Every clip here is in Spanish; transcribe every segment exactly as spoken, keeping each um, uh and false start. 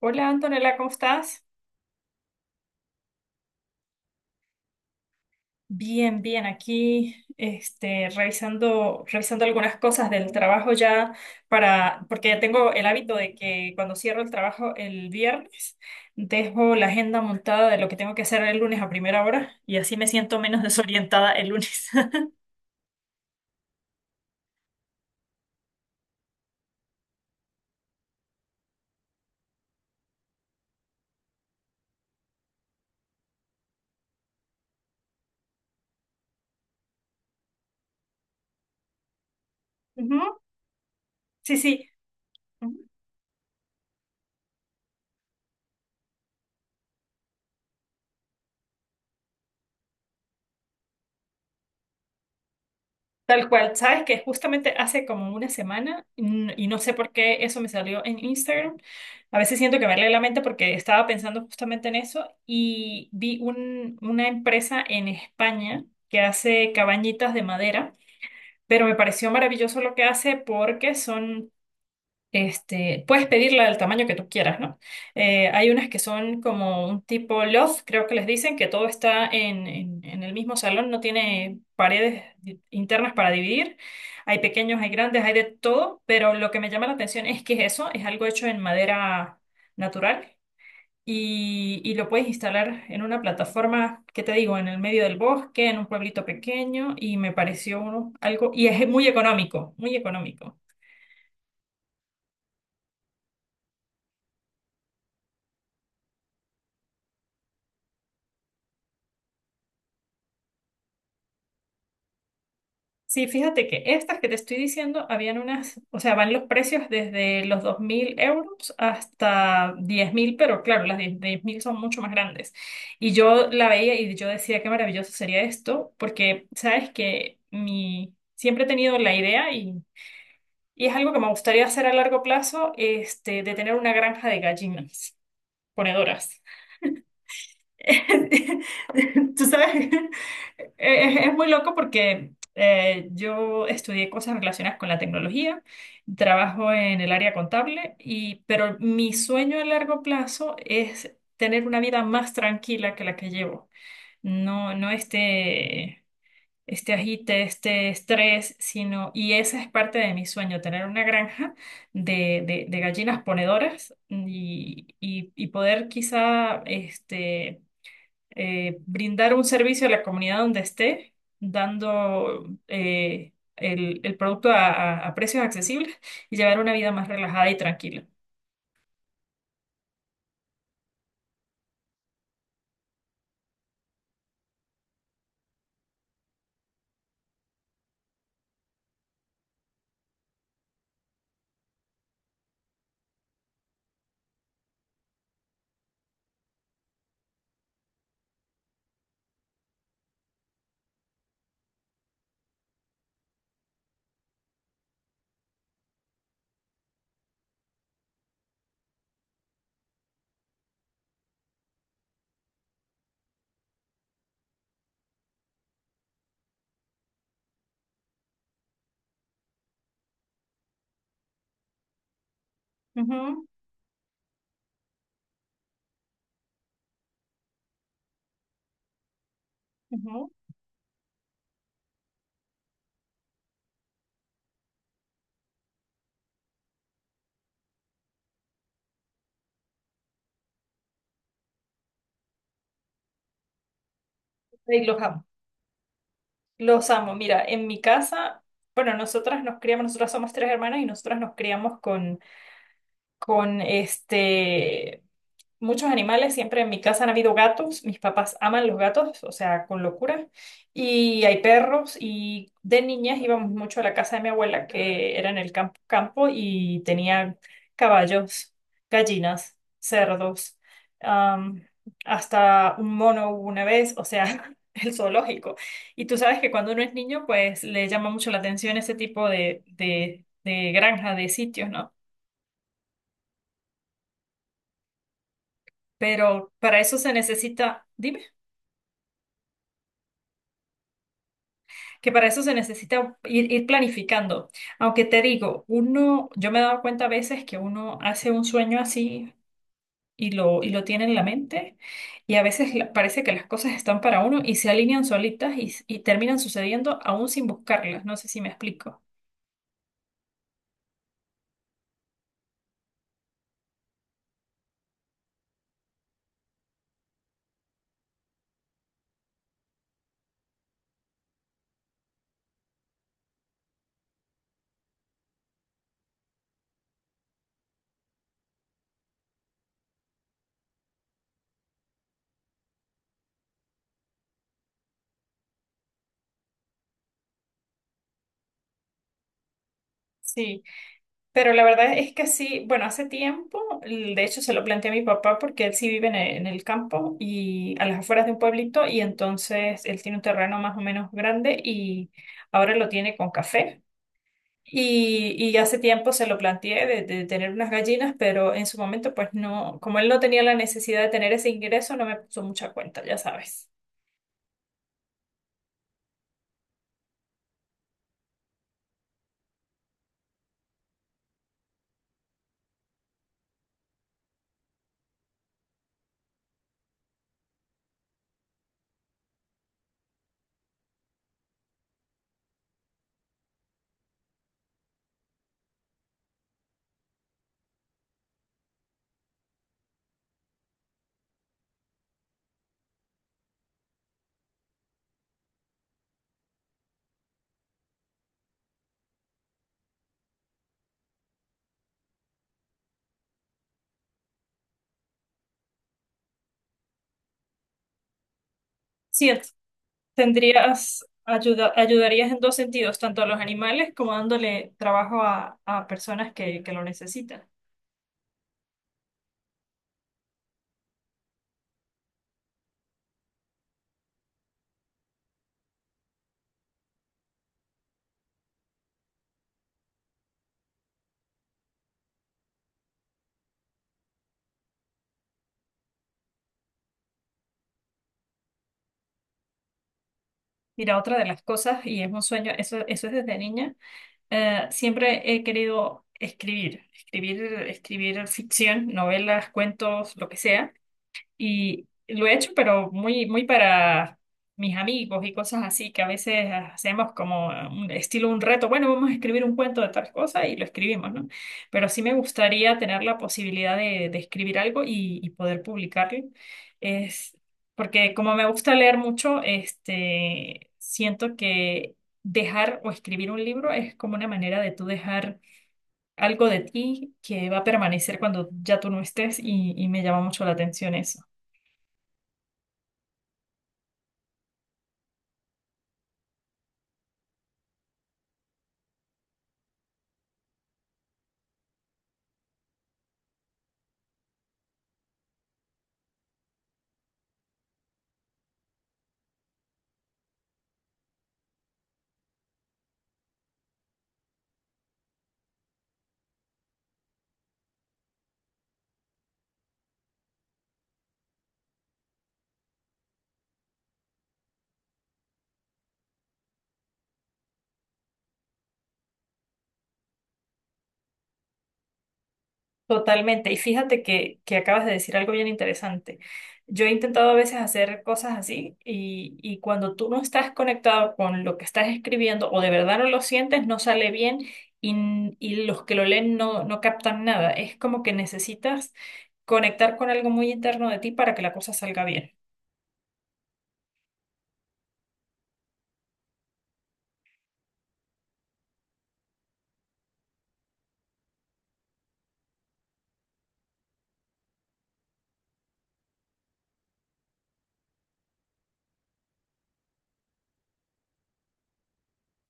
Hola Antonella, ¿cómo estás? Bien, bien, aquí este, revisando, revisando algunas cosas del trabajo ya para, porque ya tengo el hábito de que cuando cierro el trabajo el viernes, dejo la agenda montada de lo que tengo que hacer el lunes a primera hora y así me siento menos desorientada el lunes. Ujú, sí, sí. Tal cual, sabes que justamente hace como una semana, mm, y no sé por qué eso me salió en Instagram. A veces siento que me lee la mente porque estaba pensando justamente en eso y vi un- una empresa en España que hace cabañitas de madera, pero me pareció maravilloso lo que hace porque son, este, puedes pedirla del tamaño que tú quieras, ¿no? Eh, hay unas que son como un tipo loft, creo que les dicen, que todo está en, en- en el mismo salón, no tiene paredes di- internas para dividir. Hay pequeños, hay grandes, hay de todo, pero lo que me llama la atención es que eso es algo hecho en madera natural y, y lo puedes instalar en una plataforma, ¿qué te digo?, en el medio del bosque, en un pueblito pequeño y me pareció algo, y es muy económico, muy económico. Sí, fíjate que estas que te estoy diciendo habían unas, o sea, van los precios desde los dos mil euros hasta diez mil, pero claro, las diez 10.000 son mucho más grandes. Y yo la veía y yo decía qué maravilloso sería esto, porque sabes que mi, siempre he tenido la idea y, y es algo que me gustaría hacer a largo plazo, este, de tener una granja de gallinas ponedoras. Tú sabes, es, es muy loco porque eh, yo estudié cosas relacionadas con la tecnología, trabajo en el área contable y, pero mi sueño a largo plazo es tener una vida más tranquila que la que llevo. No, no, este, este agite, este estrés, sino, y esa es parte de mi sueño, tener una granja de, de- de gallinas ponedoras y, y- y poder quizá, este eh, brindar un servicio a la comunidad donde esté, dando, eh, el, el producto a, a- a precios accesibles y llevar una vida más relajada y tranquila. Ujú, ujú. Ay, los amo. Los amo. Mira, en mi casa, bueno, nosotras nos criamos, nosotras somos tres hermanas y nosotras nos criamos con, con este muchos animales. Siempre en mi casa han habido gatos, mis papás aman los gatos, o sea, con locura, y hay perros, y de niñas íbamos mucho a la casa de mi abuela, que era en el campo, campo y tenía caballos, gallinas, cerdos, am, hasta un mono hubo una vez, o sea, el zoológico. Y tú sabes que cuando uno es niño, pues le llama mucho la atención ese tipo de, de, de granja, de sitios, ¿no? Pero para eso se necesita, dime. Que para eso se necesita ir, ir planificando. Aunque te digo, uno, yo me he dado cuenta a veces que uno hace un sueño así y lo, y lo tiene en la mente y a veces la- parece que las cosas están para uno y se alinean solitas y, y terminan sucediendo aún sin buscarlas. No sé si me explico. Sí, pero la verdad es que sí, bueno, hace tiempo, l- de hecho se lo planteé a mi papá porque él sí vive en e- en el campo y a las afueras de un pueblito y entonces él tiene un terreno más o menos grande y ahora lo tiene con café. Y, y hace tiempo se lo planteé de, de tener unas gallinas, pero en su momento, pues no, como él no tenía la necesidad de tener ese ingreso, no me puso mucha cuenta, ya sabes. Sí, ent- tendrías, ayuda, ayudarías en dos sentidos, tanto a los animales como dándole trabajo a, a personas que, que lo necesitan. Mira, otra de las cosas, y es un sueño, eso, eso es desde niña, eh, siempre he querido escribir, escribir, escribir ficción, novelas, cuentos, lo que sea. Y lo he hecho, pero muy, muy para mis amigos y cosas así, que a veces hacemos como un estilo un reto, bueno, vamos a escribir un cuento de tal cosa y lo escribimos, ¿no? Pero sí me gustaría tener la posibilidad de, de escribir algo y, y poder publicarlo. Es porque como me gusta leer mucho, este, siento que dejar o escribir un libro es como una manera de tú dejar algo de ti que va a permanecer cuando ya tú no estés y, y me llama mucho la atención eso. Totalmente. Y fíjate que, que acabas de decir algo bien interesante. Yo he intentado a veces hacer cosas así y, y cuando tú no estás conectado con lo que estás escribiendo o de verdad no lo sientes, no sale bien y, n- y los que lo leen no, no captan nada. Es como que necesitas conectar con algo muy interno de ti para que la cosa salga bien.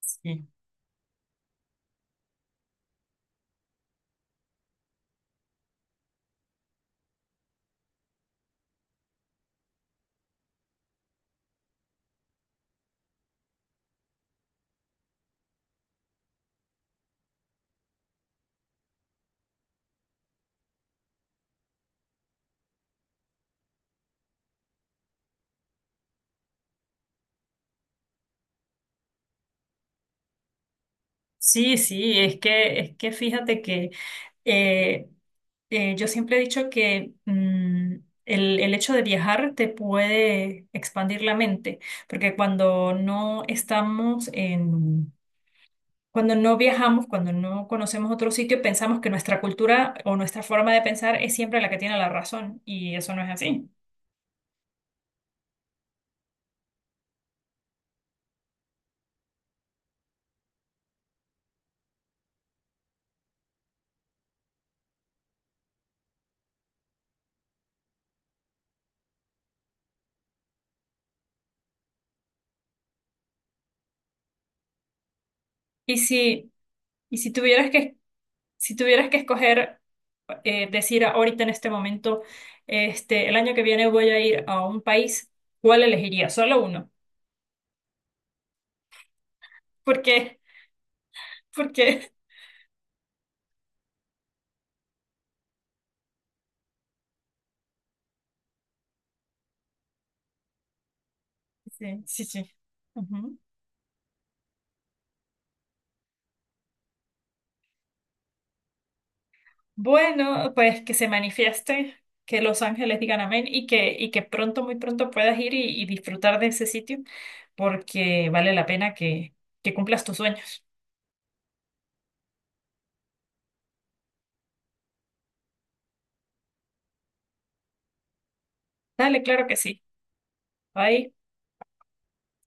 Sí. Sí, sí, es que, es que fíjate que, eh, eh, yo siempre he dicho que, mm, el, el hecho de viajar te puede expandir la mente, porque cuando no estamos en, cuando no viajamos, cuando no conocemos otro sitio, pensamos que nuestra cultura o nuestra forma de pensar es siempre la que tiene la razón, y eso no es así. Y si, y si tuvieras que Si tuvieras que escoger, eh, decir ahorita en este momento, este, el año que viene voy a ir a un país, ¿cuál elegiría? Solo uno. ¿Por qué? ¿Por qué? Sí, sí, sí. Ujú. Bueno, pues que se manifieste, que los ángeles digan amén y que, y que pronto, muy pronto puedas ir y, y disfrutar de ese sitio, porque vale la pena que, que cumplas tus sueños. Dale, claro que sí. Bye.